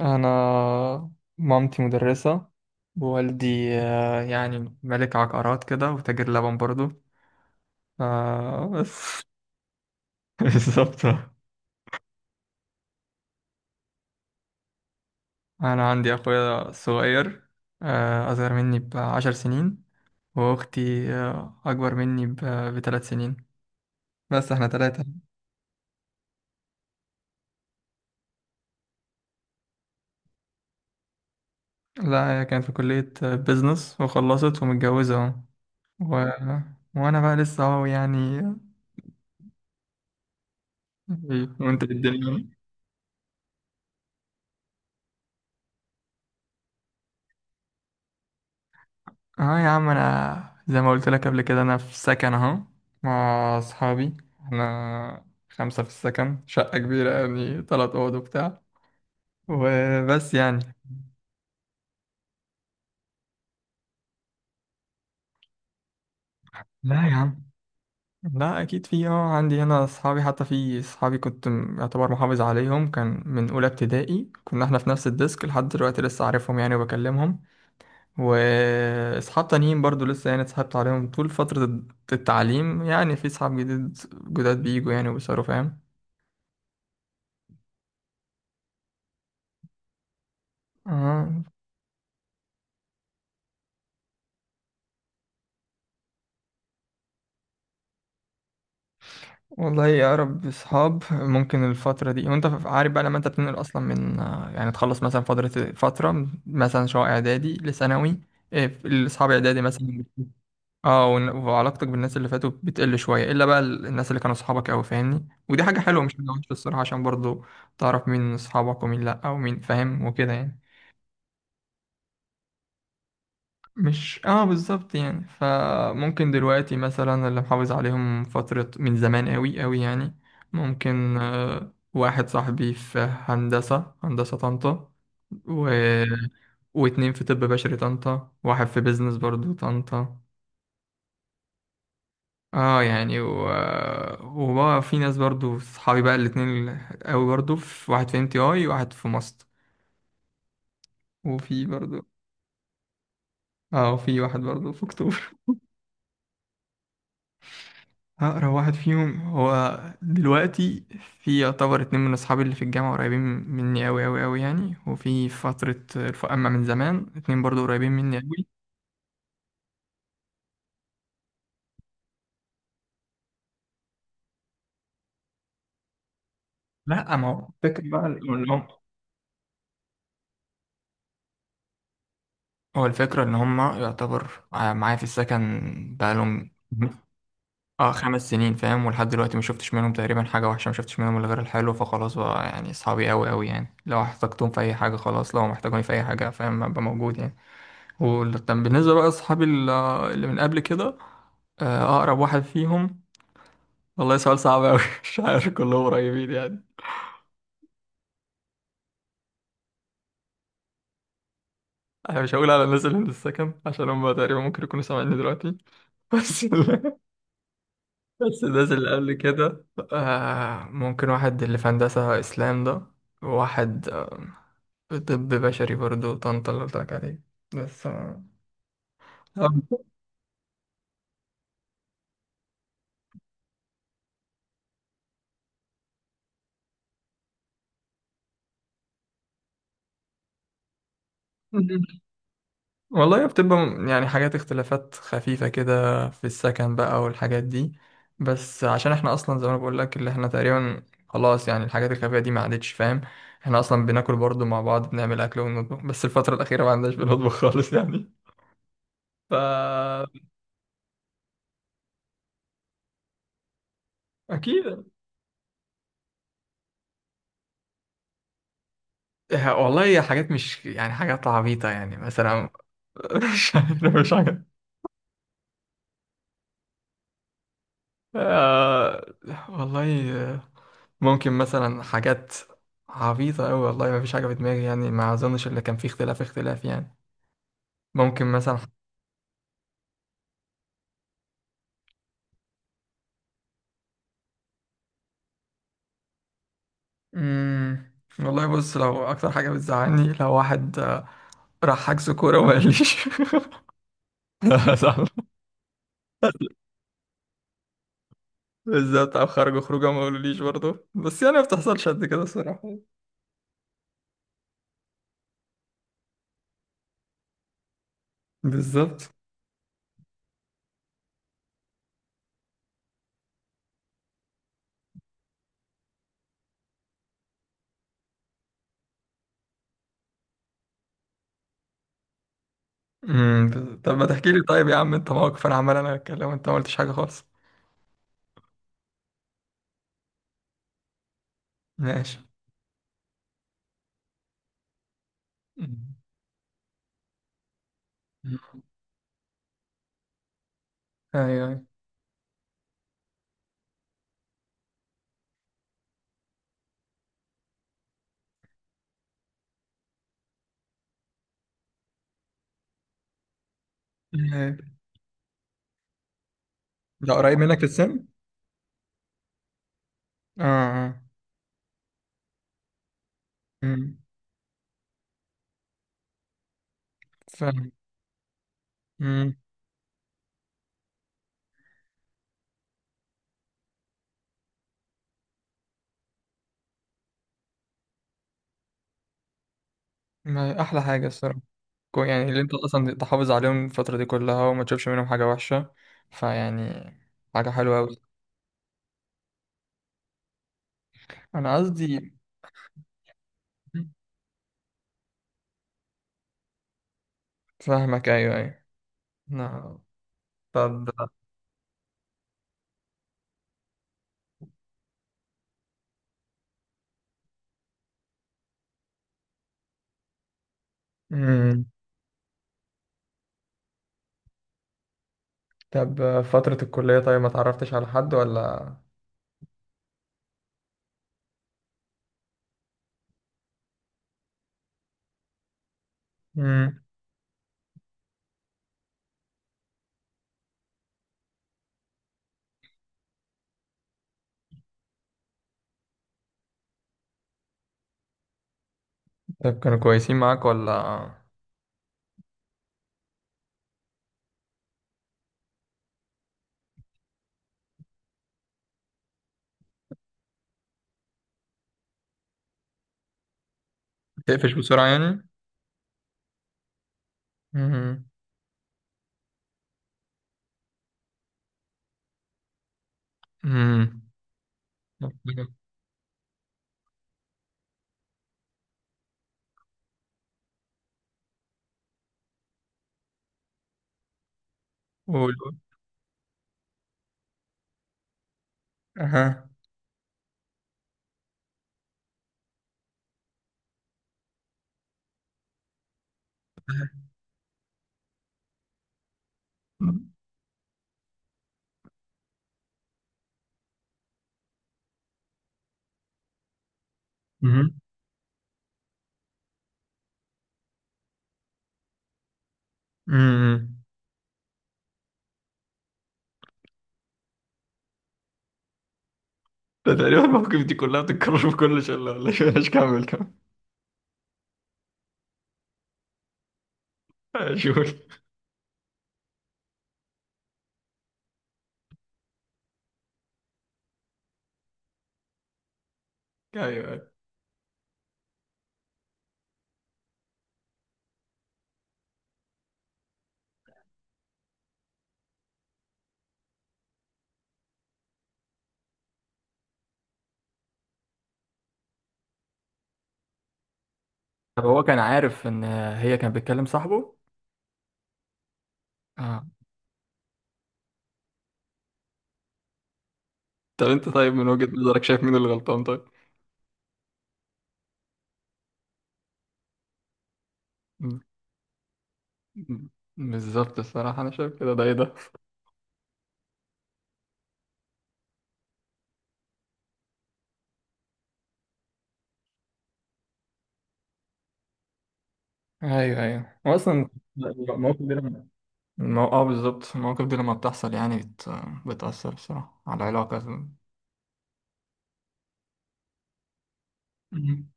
أنا مامتي مدرسة. ووالدي يعني ملك عقارات كده وتاجر لبن برضو. بس. بالظبط. أنا عندي أخويا صغير، أصغر مني ب10 سنين. وأختي أكبر مني ب3 سنين. بس احنا ثلاثة. لا، هي كانت في كلية بيزنس وخلصت ومتجوزة أهو. و... وأنا بقى لسه أهو يعني. وأنت في الدنيا. اه يا عم، انا زي ما قلت لك قبل كده انا في سكن اهو مع اصحابي. احنا خمسة في السكن، شقة كبيرة يعني تلات اوض وبتاع. وبس يعني. لا يا عم. لا اكيد في. اه عندي هنا اصحابي، حتى في اصحابي كنت يعتبر محافظ عليهم، كان من اولى ابتدائي كنا احنا في نفس الديسك، لحد دلوقتي لسه عارفهم يعني وبكلمهم. واصحاب تانيين برضو لسه يعني اتصاحبت عليهم طول فترة التعليم، يعني في اصحاب جداد بيجوا يعني وبيصيروا فاهم. اه والله يا رب، اصحاب ممكن الفترة دي، وانت عارف بقى لما انت بتنقل اصلا من يعني تخلص مثلا فترة مثلا شقة اعدادي لثانوي. الاصحاب اعدادي مثلا. اه وعلاقتك بالناس اللي فاتوا بتقل شوية. الا بقى الناس اللي كانوا اصحابك قوي فاهمني، ودي حاجة حلوة مش حاجة وحشة الصراحة، عشان برضو تعرف مين اصحابك ومين لا ومين فاهم وكده يعني. مش بالظبط يعني. فممكن دلوقتي مثلا اللي محافظ عليهم فترة من زمان قوي قوي يعني، ممكن واحد صاحبي في هندسة طنطا، و... واتنين في طب بشري طنطا، واحد في بيزنس برضو طنطا. اه يعني وبقى في ناس برضو صحابي بقى الاتنين قوي برضو. في واحد في ام تي اي، وواحد في ماست، وفي برضو. اه، وفي واحد برضو في اكتوبر. أقرب واحد فيهم هو دلوقتي، في يعتبر اتنين من أصحابي اللي في الجامعة قريبين مني أوي أوي أوي يعني، وفي فترة أما من زمان اتنين برضو قريبين مني أوي. لا، ما هو الفكرة بقى إن هم. هو الفكرة إن هم يعتبر معايا في السكن بقالهم اه 5 سنين فاهم، ولحد دلوقتي ما شفتش منهم تقريبا حاجة وحشة، ما شفتش منهم إلا غير الحلو، فخلاص بقى يعني أصحابي أوي أوي يعني، لو احتجتهم في أي حاجة خلاص، لو محتاجوني في أي حاجة فاهم أبقى موجود يعني. وكان بالنسبة بقى أصحابي اللي من قبل كده، أقرب واحد فيهم والله سؤال صعب أوي مش عارف، كلهم قريبين يعني. أنا مش هقول على الناس اللي من السكن عشان هم تقريبا ممكن يكونوا سامعيني دلوقتي. بس ال- بس الناس اللي قبل كده، ممكن واحد اللي في هندسة، إسلام ده. وواحد في طب بشري برضو طنطا اللي قلت لك عليه. بس والله بتبقى يعني حاجات، اختلافات خفيفة كده في السكن بقى والحاجات دي، بس عشان احنا اصلا زي ما أنا بقول لك اللي احنا تقريبا خلاص يعني، الحاجات الخفيفة دي ما عادتش فاهم. احنا اصلا بناكل برضو مع بعض، بنعمل اكل ونطبخ، بس الفترة الأخيرة ما عندناش بنطبخ خالص يعني. فا أكيد. والله هي حاجات مش يعني حاجات عبيطة يعني، مثلا مش عارف، مش حاجة. آه، والله ممكن مثلا حاجات عبيطة أوي والله، ما فيش حاجة في دماغي يعني، ما أظنش اللي كان فيه اختلاف يعني، ممكن مثلا. مم. والله بص لو أكتر حاجة بتزعلني لو واحد آه، راح حجز كورة وما قاليش صح بالظبط أو خرجوا خروجة ما قالوليش برضه بس يعني ما بتحصلش قد كده الصراحة بالظبط مم. طب ما تحكي لي طيب يا عم؟ أنت موقف أنا عمال أنا أتكلم وأنت ما قلتش حاجة خالص. ماشي. مم. أيوه أيوه. ده قريب منك في السن؟ آه آه. امم. فاهم. امم. احلى حاجه الصراحه. يعني اللي انت اصلا تحافظ عليهم الفتره دي كلها وما تشوفش منهم حاجه وحشه، فيعني حاجه حلوه قوي. انا قصدي. فاهمك، ايوه ايوه. نعم. طب. امم. طب فتره الكليه، طيب ما تعرفتش على حد ولا؟ امم. طب كانوا كويسين معاك ولا؟ تقفش بسرعه يعني. امم. امم. قول قول. اها. امم. امم. ده تقريبا المواقف دي كلها بتتكرر في كل شلة، ولا شو؟ مش كمل كمل. شوف. ايوه. طب هو كان عارف ان هي كانت بتكلم صاحبه؟ آه. طب انت طيب، من وجهة نظرك شايف مين اللي غلطان طيب؟ م- م- بالظبط الصراحة انا شايف كده. ده ايه ده؟ ايوه ايوه. هو اصلا المواقف دي لما، اه بالظبط المواقف دي لما بتحصل يعني بتأثر الصراحة على العلاقة. مم.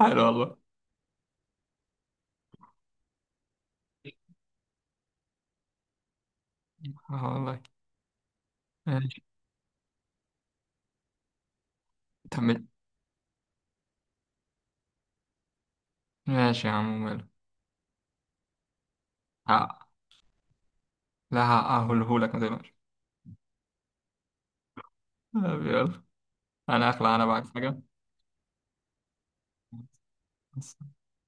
حلو والله. اه والله ماشي. طب. ماشي يا عم ماله. ها- لا، هقولهولك ما تقلقش. طب يلا، انا اخلع، انا بعد حاجة.